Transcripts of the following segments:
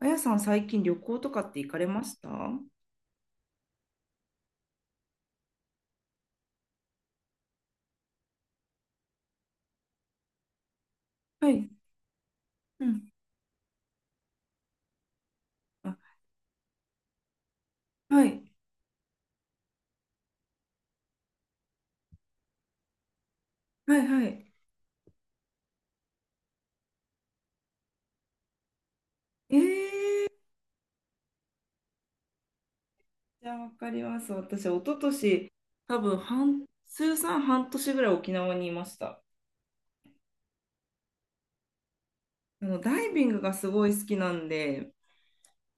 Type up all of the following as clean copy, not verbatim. あやさん、最近旅行とかって行かれました？はい。うん。あ、はい。はい、はい。えー、じゃあ、わかります。私、一昨年、多分半、通算半年ぐらい沖縄にいました。ダイビングがすごい好きなんで、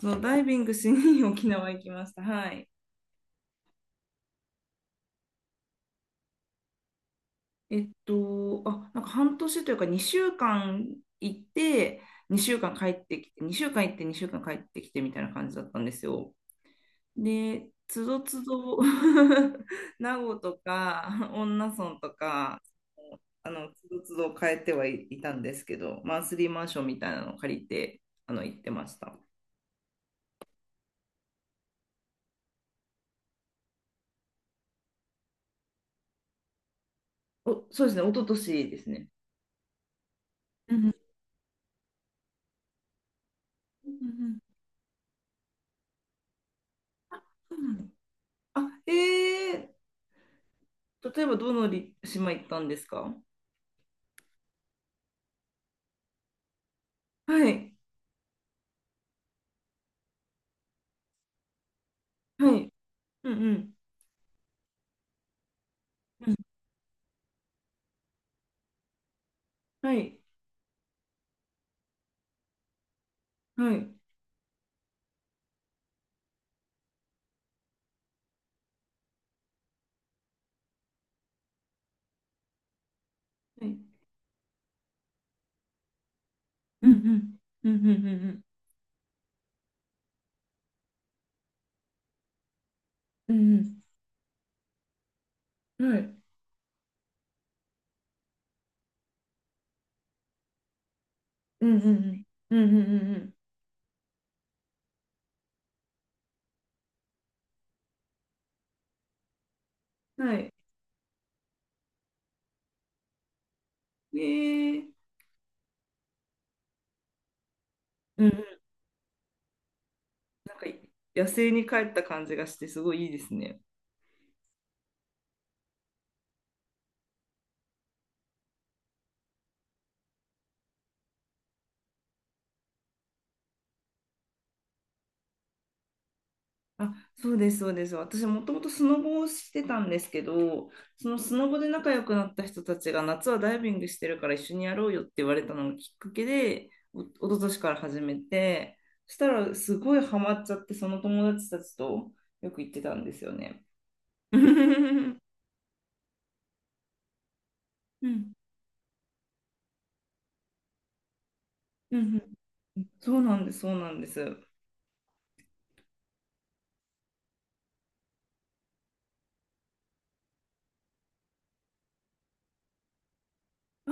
そのダイビングしに 沖縄行きました。はい。あ、なんか半年というか、2週間行って、2週間帰ってきて、2週間行って、2週間帰ってきてみたいな感じだったんですよ。で、つどつど、名護とか、恩納村とか、つどつど変えてはいいたんですけど、マンスリーマンションみたいなのを借りて、行ってました。お、そうですね、一昨年ですね。うんうんうんうんうん。あ、ええー、例えばどのり島行ったんですか？はい、はい、うんうん、はい、はい、はい、うんうん、うんうんうんうん、うんうん、はい、うんうんうん、うんうんうんうん、はい。ええ、うんうん。野生に帰った感じがしてすごいいいですね。あ、そうです、そうです。私もともとスノボをしてたんですけど、そのスノボで仲良くなった人たちが夏はダイビングしてるから一緒にやろうよって言われたのがきっかけで、お、一昨年から始めて、そしたらすごいハマっちゃって、その友達たちとよく行ってたんですよね。うんうんうん。そうなんです、そうなんです。あ、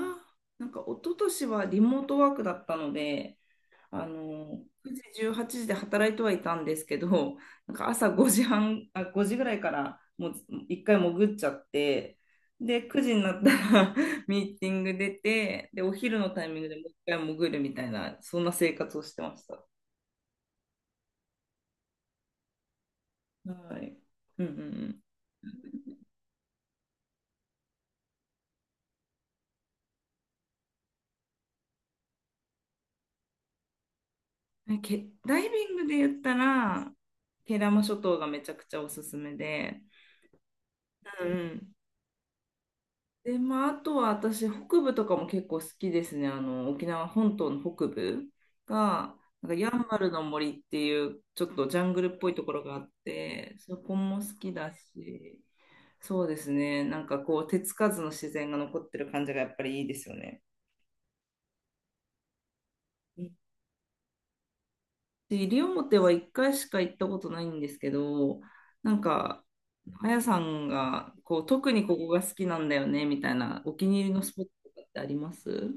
なんか一昨年はリモートワークだったので、9時、18時で働いてはいたんですけど、なんか朝5時半、あ、5時ぐらいからもう一回潜っちゃって、で、9時になったら ミーティング出て、で、お昼のタイミングでもう一回潜るみたいな、そんな生活をしてました。はい。うんうんうん。ダイビングで言ったら、慶良間諸島がめちゃくちゃおすすめで、うんうん、で、まあ、あとは私、北部とかも結構好きですね。沖縄本島の北部が、なんかヤンバルの森っていう、ちょっとジャングルっぽいところがあって、そこも好きだし、そうですね。なんかこう、手つかずの自然が残ってる感じがやっぱりいいですよね。で、西表は一回しか行ったことないんですけど、なんか、あやさんが、こう、特にここが好きなんだよね、みたいな、お気に入りのスポットとかってあります？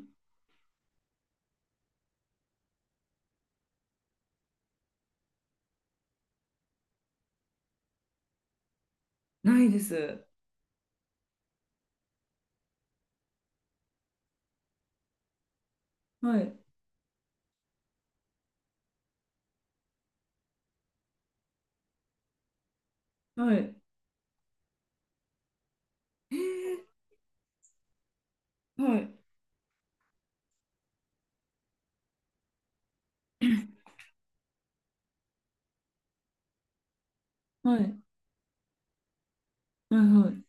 ないです。はい、はい、えー、はい、はい、はい、はい、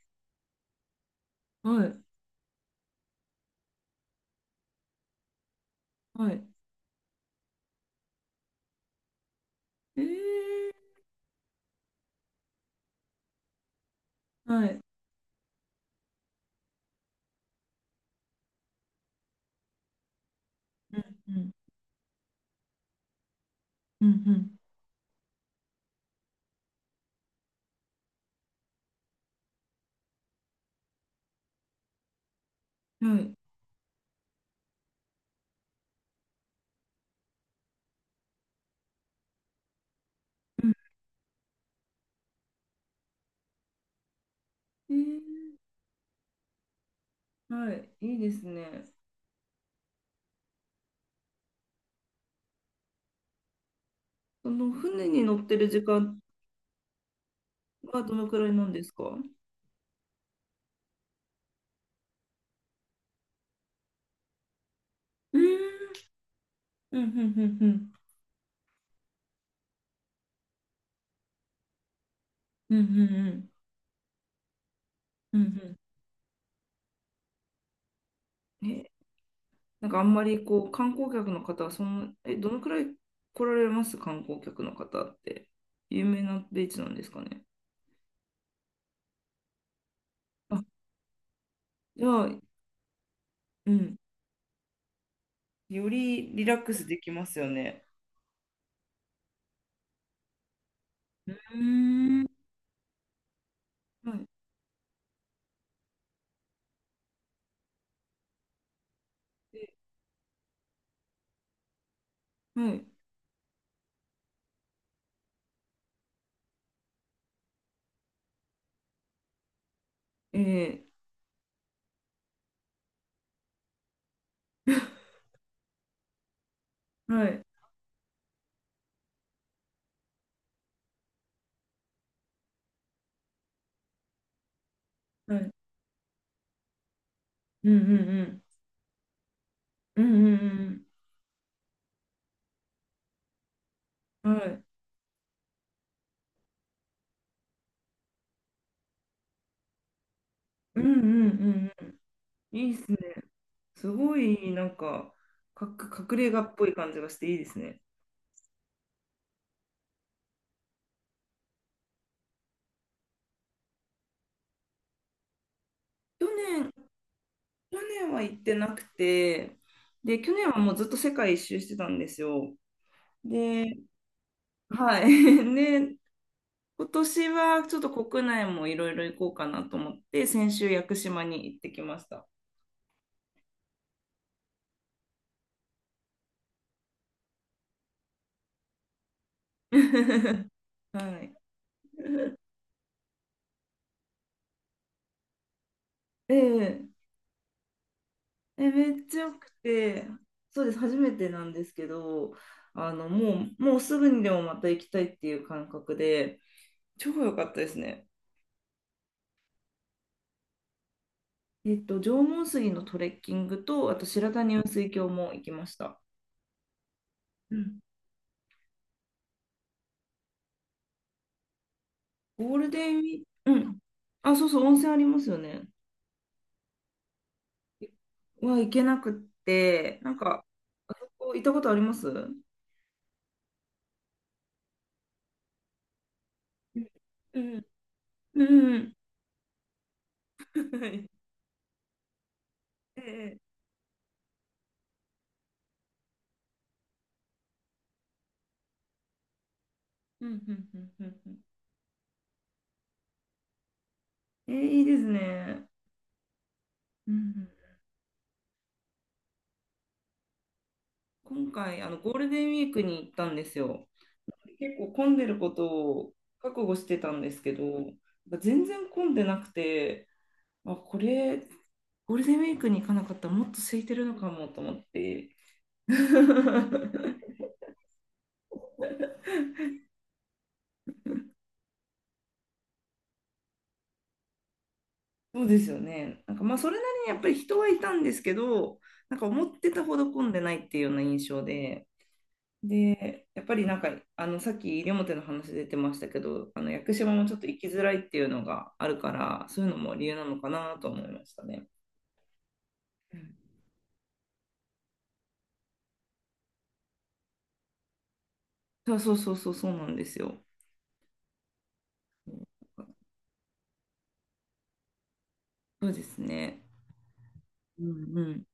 はい、はい、えー、はい、うん、うん、うん、うん、はい、うん、えー、はい、いいですね。その船に乗ってる時間はどのくらいなんですか？うーん、うん、うん、うん、うん、うん、うん、うん、うん、え、なんかあんまりこう観光客の方はそんな、え、どのくらい来られます？観光客の方って。有名なビーチなんですかね。あ、じゃあ、うん。よりリラックスできますよね。うーん、はい。え、はい。えー、はい。はい。うんうんうん。うんうんうん。はい。うんうんうんうん。いいっすね。すごい、なんか、隠れ家っぽい感じがしていいですね。去年、去年は行ってなくて、で、去年はもうずっと世界一周してたんですよ。で、はい。で、今年はちょっと国内もいろいろ行こうかなと思って、先週屋久島に行ってきました。はい。えええ、めっちゃよくて、そうです、初めてなんですけど、もう、もうすぐにでもまた行きたいっていう感覚で、超良かったですね。縄文杉のトレッキングと、あと白谷雲水峡も行きました。うん。ゴールデンウィーク、うん。あ、そうそう、温泉ありますよね。は行けなくって、なんか、あそこ行ったことあります？うん。うん。うん。はい。ええ。うん、うん、うん、うん。うん、え、いいですね。うん、今回、ゴールデンウィークに行ったんですよ。結構混んでることを覚悟してたんですけど、なんか全然混んでなくて、あ、これ、ゴールデンウィークに行かなかったらもっと空いてるのかもと思って。そうですよね。なんかまあそれなりにやっぱり人はいたんですけど、なんか思ってたほど混んでないっていうような印象で、で、やっぱりなんか、あのさっき西表の話出てましたけど、あの屋久島もちょっと行きづらいっていうのがあるから、そういうのも理由なのかなと思いましたね。うん、そうそうそうそうそうなんですよ。そうですね。うんうん